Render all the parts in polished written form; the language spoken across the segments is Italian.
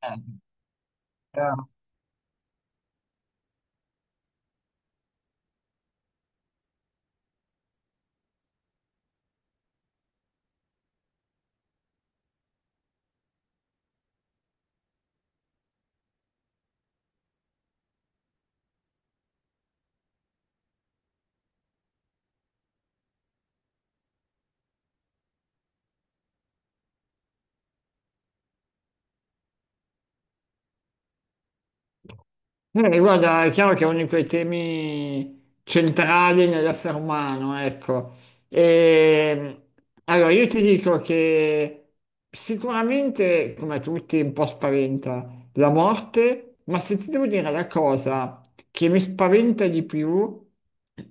Eh, Chiaro. Guarda, è chiaro che è uno di quei temi centrali nell'essere umano, ecco. E, allora, io ti dico che sicuramente, come a tutti, un po' spaventa la morte, ma se ti devo dire la cosa che mi spaventa di più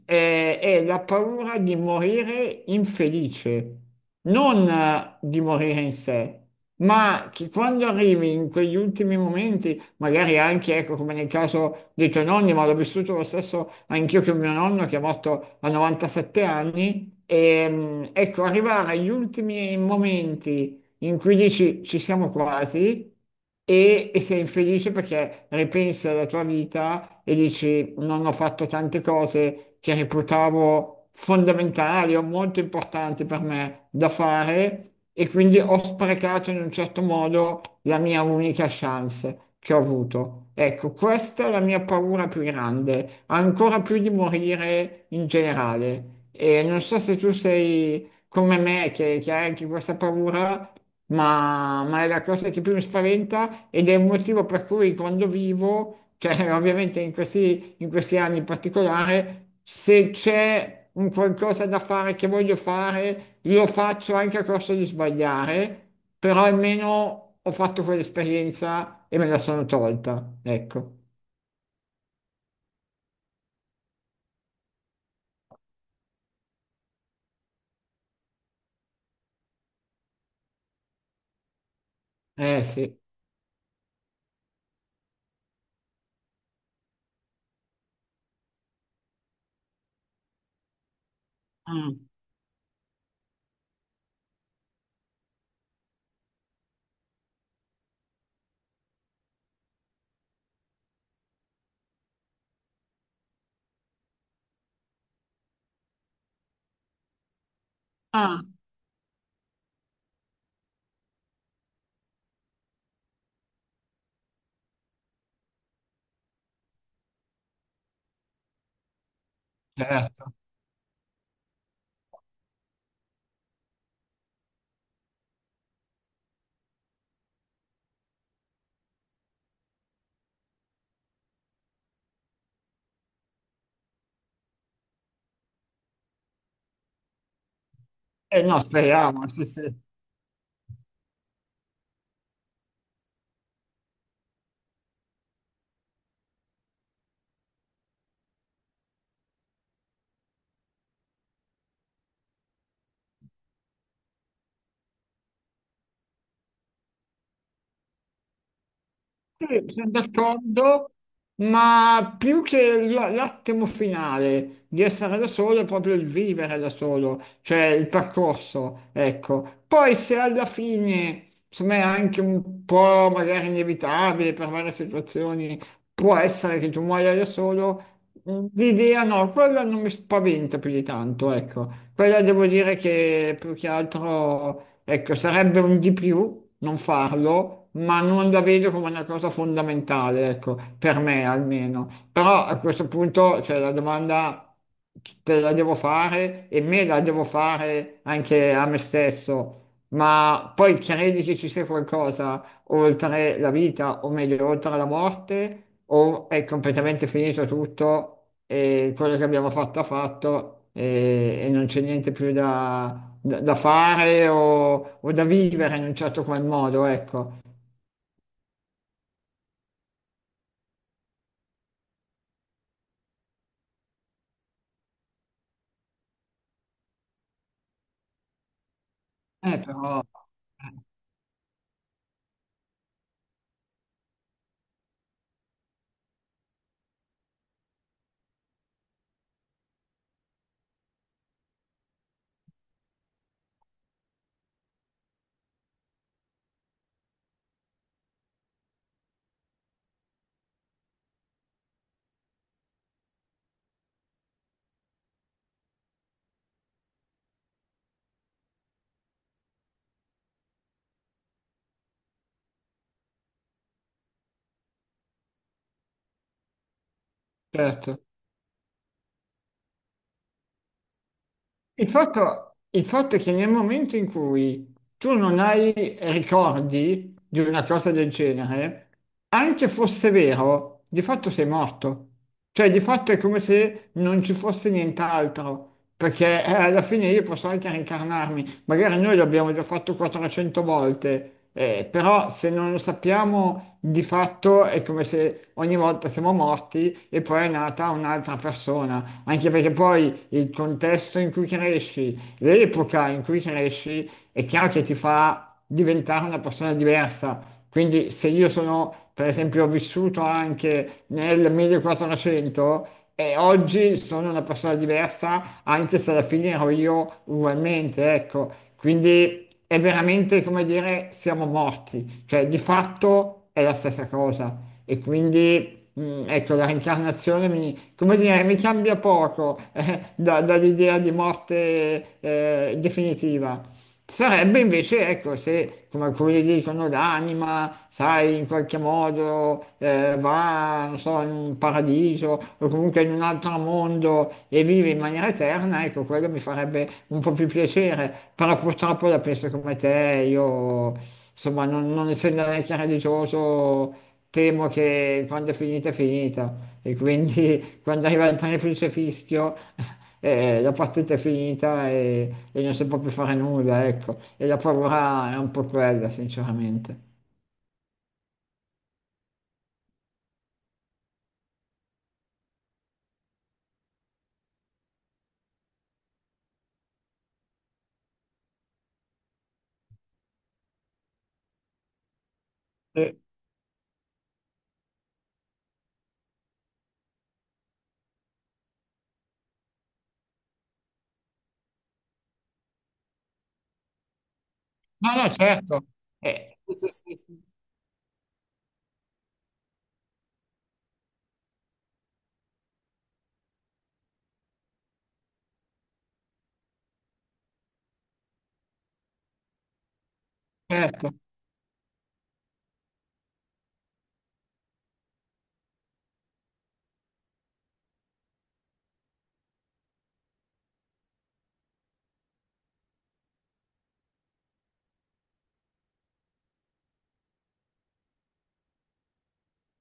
è la paura di morire infelice, non di morire in sé. Ma che quando arrivi in quegli ultimi momenti magari anche, ecco, come nel caso dei tuoi nonni, ma l'ho vissuto lo stesso anch'io che mio nonno che è morto a 97 anni. E, mm, ecco, arrivare agli ultimi momenti in cui dici ci siamo quasi e sei infelice perché ripensi alla tua vita e dici non ho fatto tante cose che reputavo fondamentali o molto importanti per me da fare e quindi ho sprecato in un certo modo la mia unica chance che ho avuto. Ecco, questa è la mia paura più grande, ancora più di morire in generale. E non so se tu sei come me, che hai anche questa paura, ma è la cosa che più mi spaventa ed è il motivo per cui quando vivo, cioè ovviamente in in questi anni in particolare, se c'è un qualcosa da fare che voglio fare, lo faccio anche a costo di sbagliare, però almeno ho fatto quell'esperienza e me la sono tolta, ecco. Eh sì. Mm, certo. E no, speriamo, sì, sì. Sì, sono d'accordo, ma più che l'attimo finale di essere da solo è proprio il vivere da solo, cioè il percorso, ecco. Poi se alla fine, insomma, è anche un po' magari inevitabile per varie situazioni, può essere che tu muoia da solo, mm, l'idea no, quella non mi spaventa più di tanto, ecco. Quella devo dire che più che altro, ecco, sarebbe un di più non farlo, ma non la vedo come una cosa fondamentale, ecco, per me almeno. Però a questo punto, cioè, la domanda te la devo fare e me la devo fare anche a me stesso, ma poi credi che ci sia qualcosa oltre la vita, o meglio, oltre la morte, o è completamente finito tutto e quello che abbiamo fatto ha fatto e non c'è niente più da, da fare o da vivere in un certo qual modo, ecco. Però, certo. Il fatto è che nel momento in cui tu non hai ricordi di una cosa del genere, anche fosse vero, di fatto sei morto. Cioè, di fatto è come se non ci fosse nient'altro, perché alla fine io posso anche reincarnarmi. Magari noi l'abbiamo già fatto 400 volte, però se non lo sappiamo, di fatto è come se ogni volta siamo morti e poi è nata un'altra persona anche perché poi il contesto in cui cresci, l'epoca in cui cresci, è chiaro che ti fa diventare una persona diversa. Quindi se io sono, per esempio, ho vissuto anche nel 1400 e oggi sono una persona diversa, anche se alla fine ero io ugualmente, ecco. Quindi è veramente come dire siamo morti, cioè di fatto è la stessa cosa e quindi ecco la reincarnazione mi, come dire, mi cambia poco dall'idea di morte definitiva. Sarebbe invece, ecco, se come alcuni dicono l'anima, sai, in qualche modo va, non so, in un paradiso o comunque in un altro mondo e vive in maniera eterna, ecco, quello mi farebbe un po' più piacere. Però purtroppo la penso come te, io, insomma, non essendo neanche religioso, temo che quando è finita è finita. E quindi quando arriva il triplice fischio la partita è finita e non si può più fare nulla, ecco. E la paura è un po' quella, sinceramente. Eh. No, no, certo. Sì, sì, sì, sì, certo.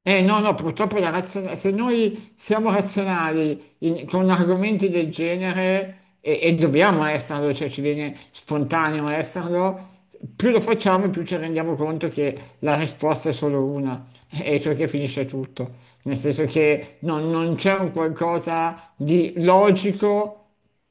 Eh no, no, purtroppo la se noi siamo razionali con argomenti del genere e dobbiamo esserlo, cioè ci viene spontaneo esserlo, più lo facciamo e più ci rendiamo conto che la risposta è solo una, e cioè che finisce tutto. Nel senso che non c'è un qualcosa di logico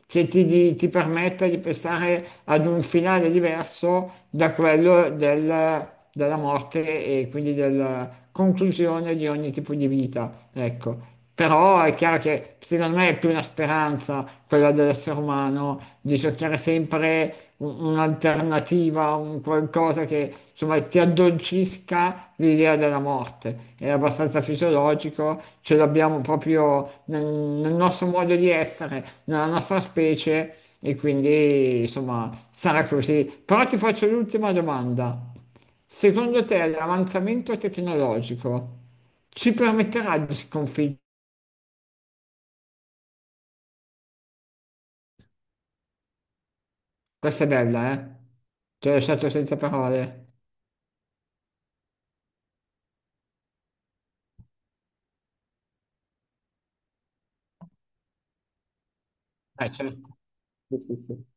che ti, ti permetta di pensare ad un finale diverso da quello della morte e quindi della conclusione di ogni tipo di vita, ecco. Però è chiaro che secondo me è più una speranza quella dell'essere umano di cercare sempre un'alternativa, un qualcosa che insomma ti addolcisca l'idea della morte. È abbastanza fisiologico, ce l'abbiamo proprio nel nostro modo di essere, nella nostra specie e quindi insomma sarà così. Però ti faccio l'ultima domanda. Secondo te l'avanzamento tecnologico ci permetterà di sconfiggere? Questa è bella, eh? Ti ho lasciato senza parole. Certo. Sì, sì, sì.